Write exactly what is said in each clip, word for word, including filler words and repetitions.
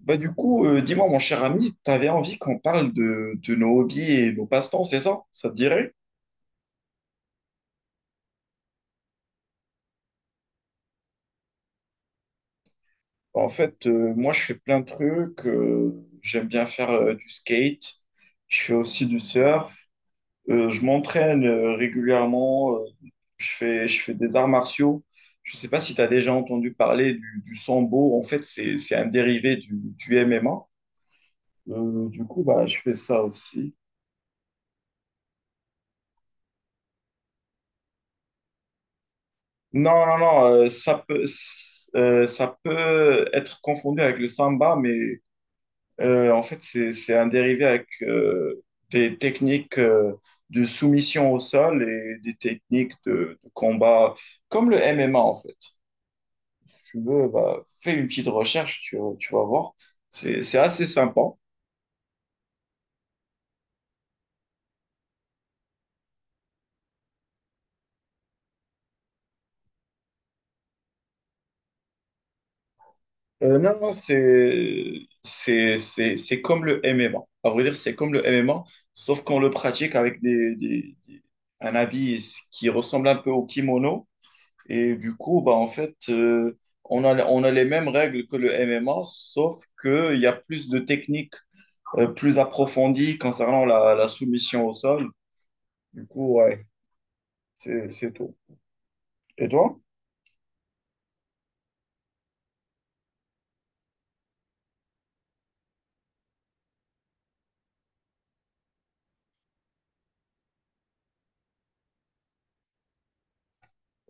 Bah du coup, euh, dis-moi mon cher ami, t'avais envie qu'on parle de, de nos hobbies et nos passe-temps, c'est ça? Ça te dirait? En fait, euh, moi je fais plein de trucs, euh, j'aime bien faire euh, du skate, je fais aussi du surf, euh, je m'entraîne euh, régulièrement, euh, je fais, je fais des arts martiaux. Je sais pas si tu as déjà entendu parler du, du sambo, en fait c'est, c'est un dérivé du, du M M A. Euh, du coup, bah, je fais ça aussi. Non, non, non, euh, ça peut, s- euh, ça peut être confondu avec le samba, mais euh, en fait, c'est, c'est un dérivé avec euh, des techniques euh, de soumission au sol et des techniques de, de combat, comme le M M A, en fait. Si tu veux, bah, fais une petite recherche, tu, tu vas voir. C'est, c'est assez sympa. Euh, non, non, c'est c'est- c'est- c'est comme le M M A. À vrai dire, c'est comme le M M A, sauf qu'on le pratique avec des, des- des- un habit qui ressemble un peu au kimono. Et du coup, bah, en fait, euh, on a, on a les mêmes règles que le M M A, sauf qu'il y a plus de techniques euh, plus approfondies concernant la, la soumission au sol. Du coup, ouais, c'est c'est tout. Et toi?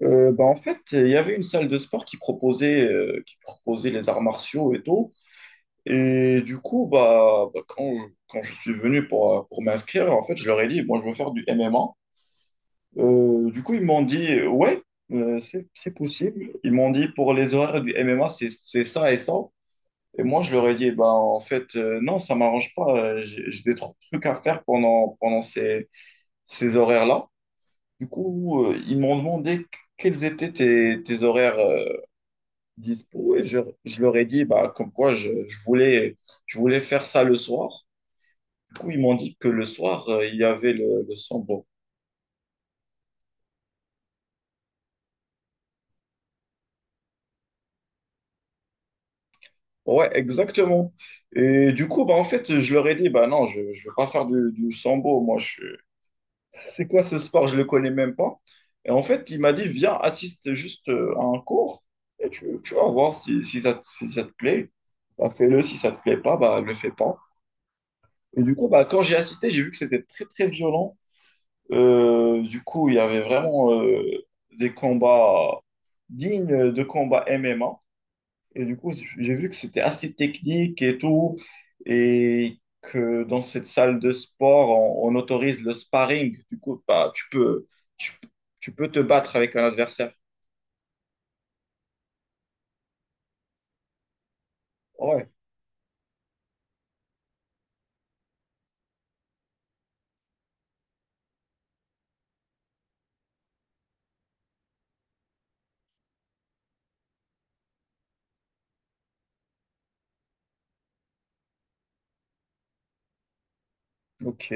Euh, bah, en fait, il y avait une salle de sport qui proposait, euh, qui proposait les arts martiaux et tout. Et du coup, bah, bah, quand, je, quand je suis venu pour, euh, pour m'inscrire, en fait, je leur ai dit, moi, je veux faire du M M A. Euh, du coup, ils m'ont dit, euh, ouais, euh, c'est, c'est possible. Ils m'ont dit, pour les horaires du M M A, c'est, c'est ça et ça. Et moi, je leur ai dit, bah, en fait, euh, non, ça m'arrange pas. Euh, J'ai j'ai des tr- trucs à faire pendant, pendant ces, ces horaires-là. Du coup, euh, ils m'ont demandé qu- quels étaient tes, tes horaires euh, dispo. Et je, je leur ai dit, bah, comme quoi, je, je voulais, je voulais faire ça le soir. Du coup, ils m'ont dit que le soir, euh, il y avait le, le sambo. Ouais, exactement. Et du coup, bah, en fait, je leur ai dit, bah non, je ne veux pas faire du, du sambo. Moi, je... c'est quoi ce sport? Je ne le connais même pas. Et en fait, il m'a dit, viens, assiste juste euh, à un cours et tu, tu vas voir si, si ça, si ça te plaît. Bah, fais-le. Si ça te plaît pas, bah, le fais pas. Et du coup, bah, quand j'ai assisté, j'ai vu que c'était très, très violent. Euh, du coup, il y avait vraiment euh, des combats dignes de combats M M A. Et du coup, j'ai vu que c'était assez technique et tout, et que dans cette salle de sport, on, on autorise le sparring. Du coup, bah, tu peux, tu, tu peux te battre avec un adversaire. Ouais, ok,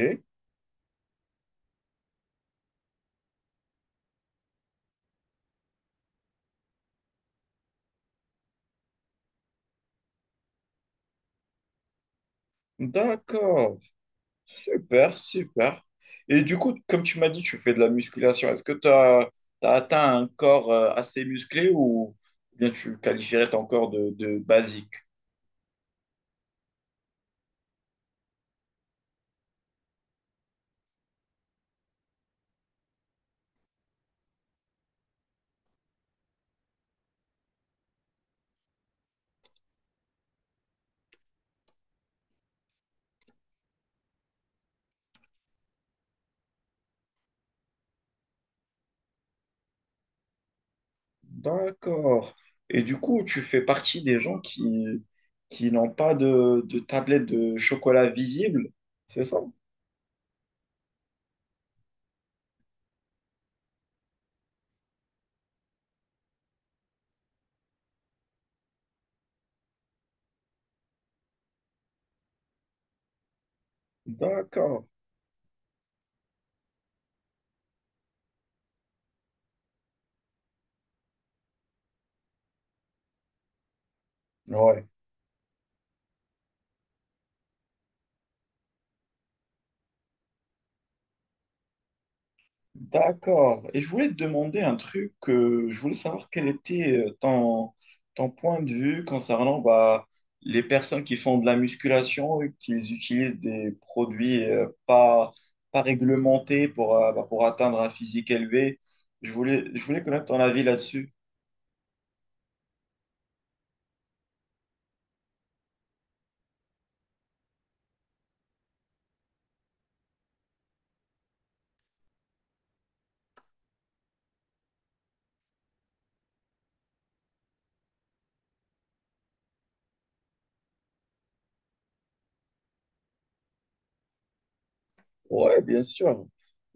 d'accord. Super, super. Et du coup, comme tu m'as dit, tu fais de la musculation. Est-ce que tu as atteint un corps euh, assez musclé ou bien tu qualifierais ton corps de, de basique? D'accord. Et du coup, tu fais partie des gens qui, qui n'ont pas de, de tablette de chocolat visible, c'est ça? D'accord. Ouais. D'accord. Et je voulais te demander un truc. Euh, je voulais savoir quel était euh, ton, ton point de vue concernant bah, les personnes qui font de la musculation et qui utilisent des produits euh, pas, pas réglementés pour, euh, bah, pour atteindre un physique élevé. Je voulais, je voulais connaître ton avis là-dessus. Ouais, bien sûr.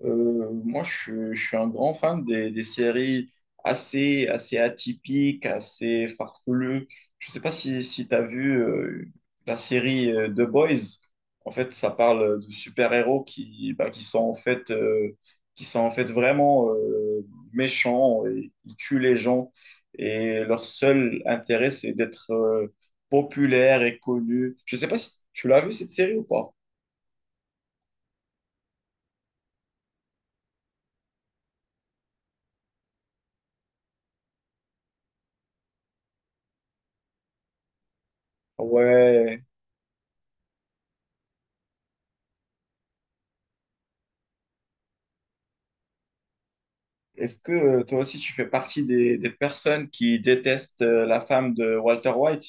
Euh, moi, je, suis je suis un grand fan des, des séries assez, assez atypiques, assez farfelues. Je sais pas si, si tu as vu euh, la série euh, The Boys. En fait, ça parle de super-héros qui, bah, qui sont en fait, euh, qui sont en fait vraiment euh, méchants et ils tuent les gens. Et leur seul intérêt, c'est d'être euh, populaire et connu. Je sais pas si tu l'as vu cette série ou pas. Ouais, est-ce que euh, toi aussi tu fais partie des, des personnes qui détestent euh, la femme de Walter White?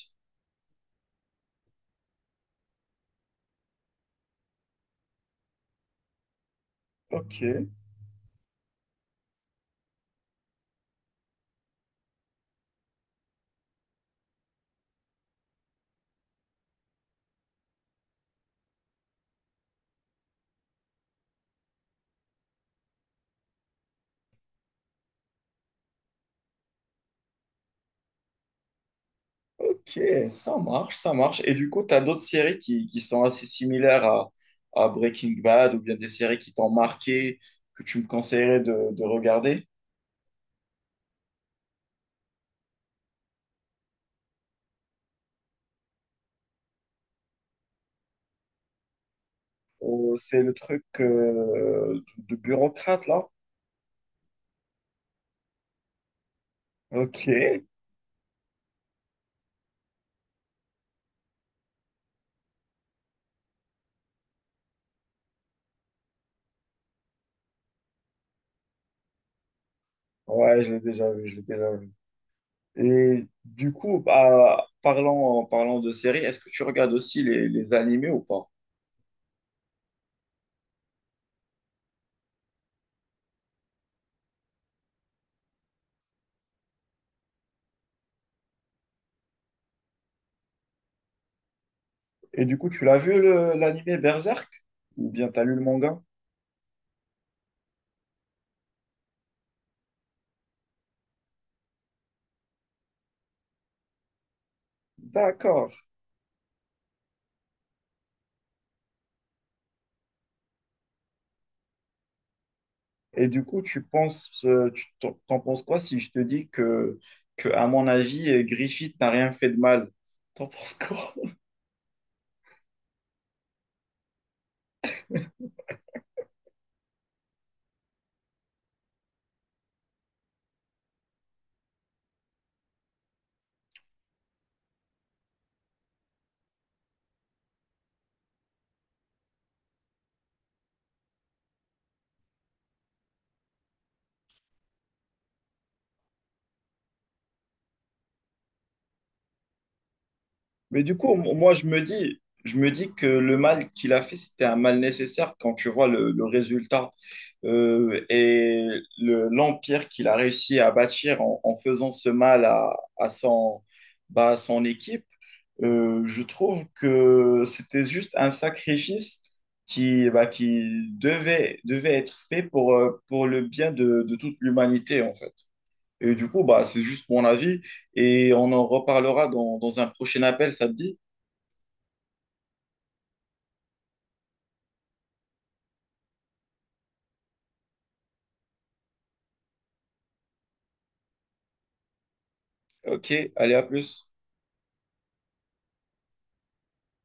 Ok, ok, ça marche, ça marche. Et du coup, tu as d'autres séries qui, qui sont assez similaires à, à Breaking Bad ou bien des séries qui t'ont marqué, que tu me conseillerais de, de regarder? Oh, c'est le truc euh, de, de bureaucrate là? Ok, ouais, je l'ai déjà vu, je l'ai déjà vu. Et du coup, bah, parlant, en parlant de séries, est-ce que tu regardes aussi les, les animés ou pas? Et du coup, tu l'as vu le- l'animé Berserk? Ou bien t'as lu le manga? D'accord. Et du coup, tu penses, euh, tu t'en t'en penses quoi si je te dis que, que à mon avis, euh, Griffith n'a rien fait de mal? T'en penses quoi? Mais du coup, mo- moi, je me dis, je me dis que le mal qu'il a fait, c'était un mal nécessaire quand tu vois le, le résultat euh, et le- l'empire qu'il a réussi à bâtir en, en faisant ce mal à, à son, bah, à son équipe. Euh, je trouve que c'était juste un sacrifice qui, bah, qui devait, devait être fait pour, euh, pour le bien de, de toute l'humanité, en fait. Et du coup, bah, c'est juste mon avis et on en reparlera dans, dans un prochain appel, ça te dit? Ok, allez, à plus.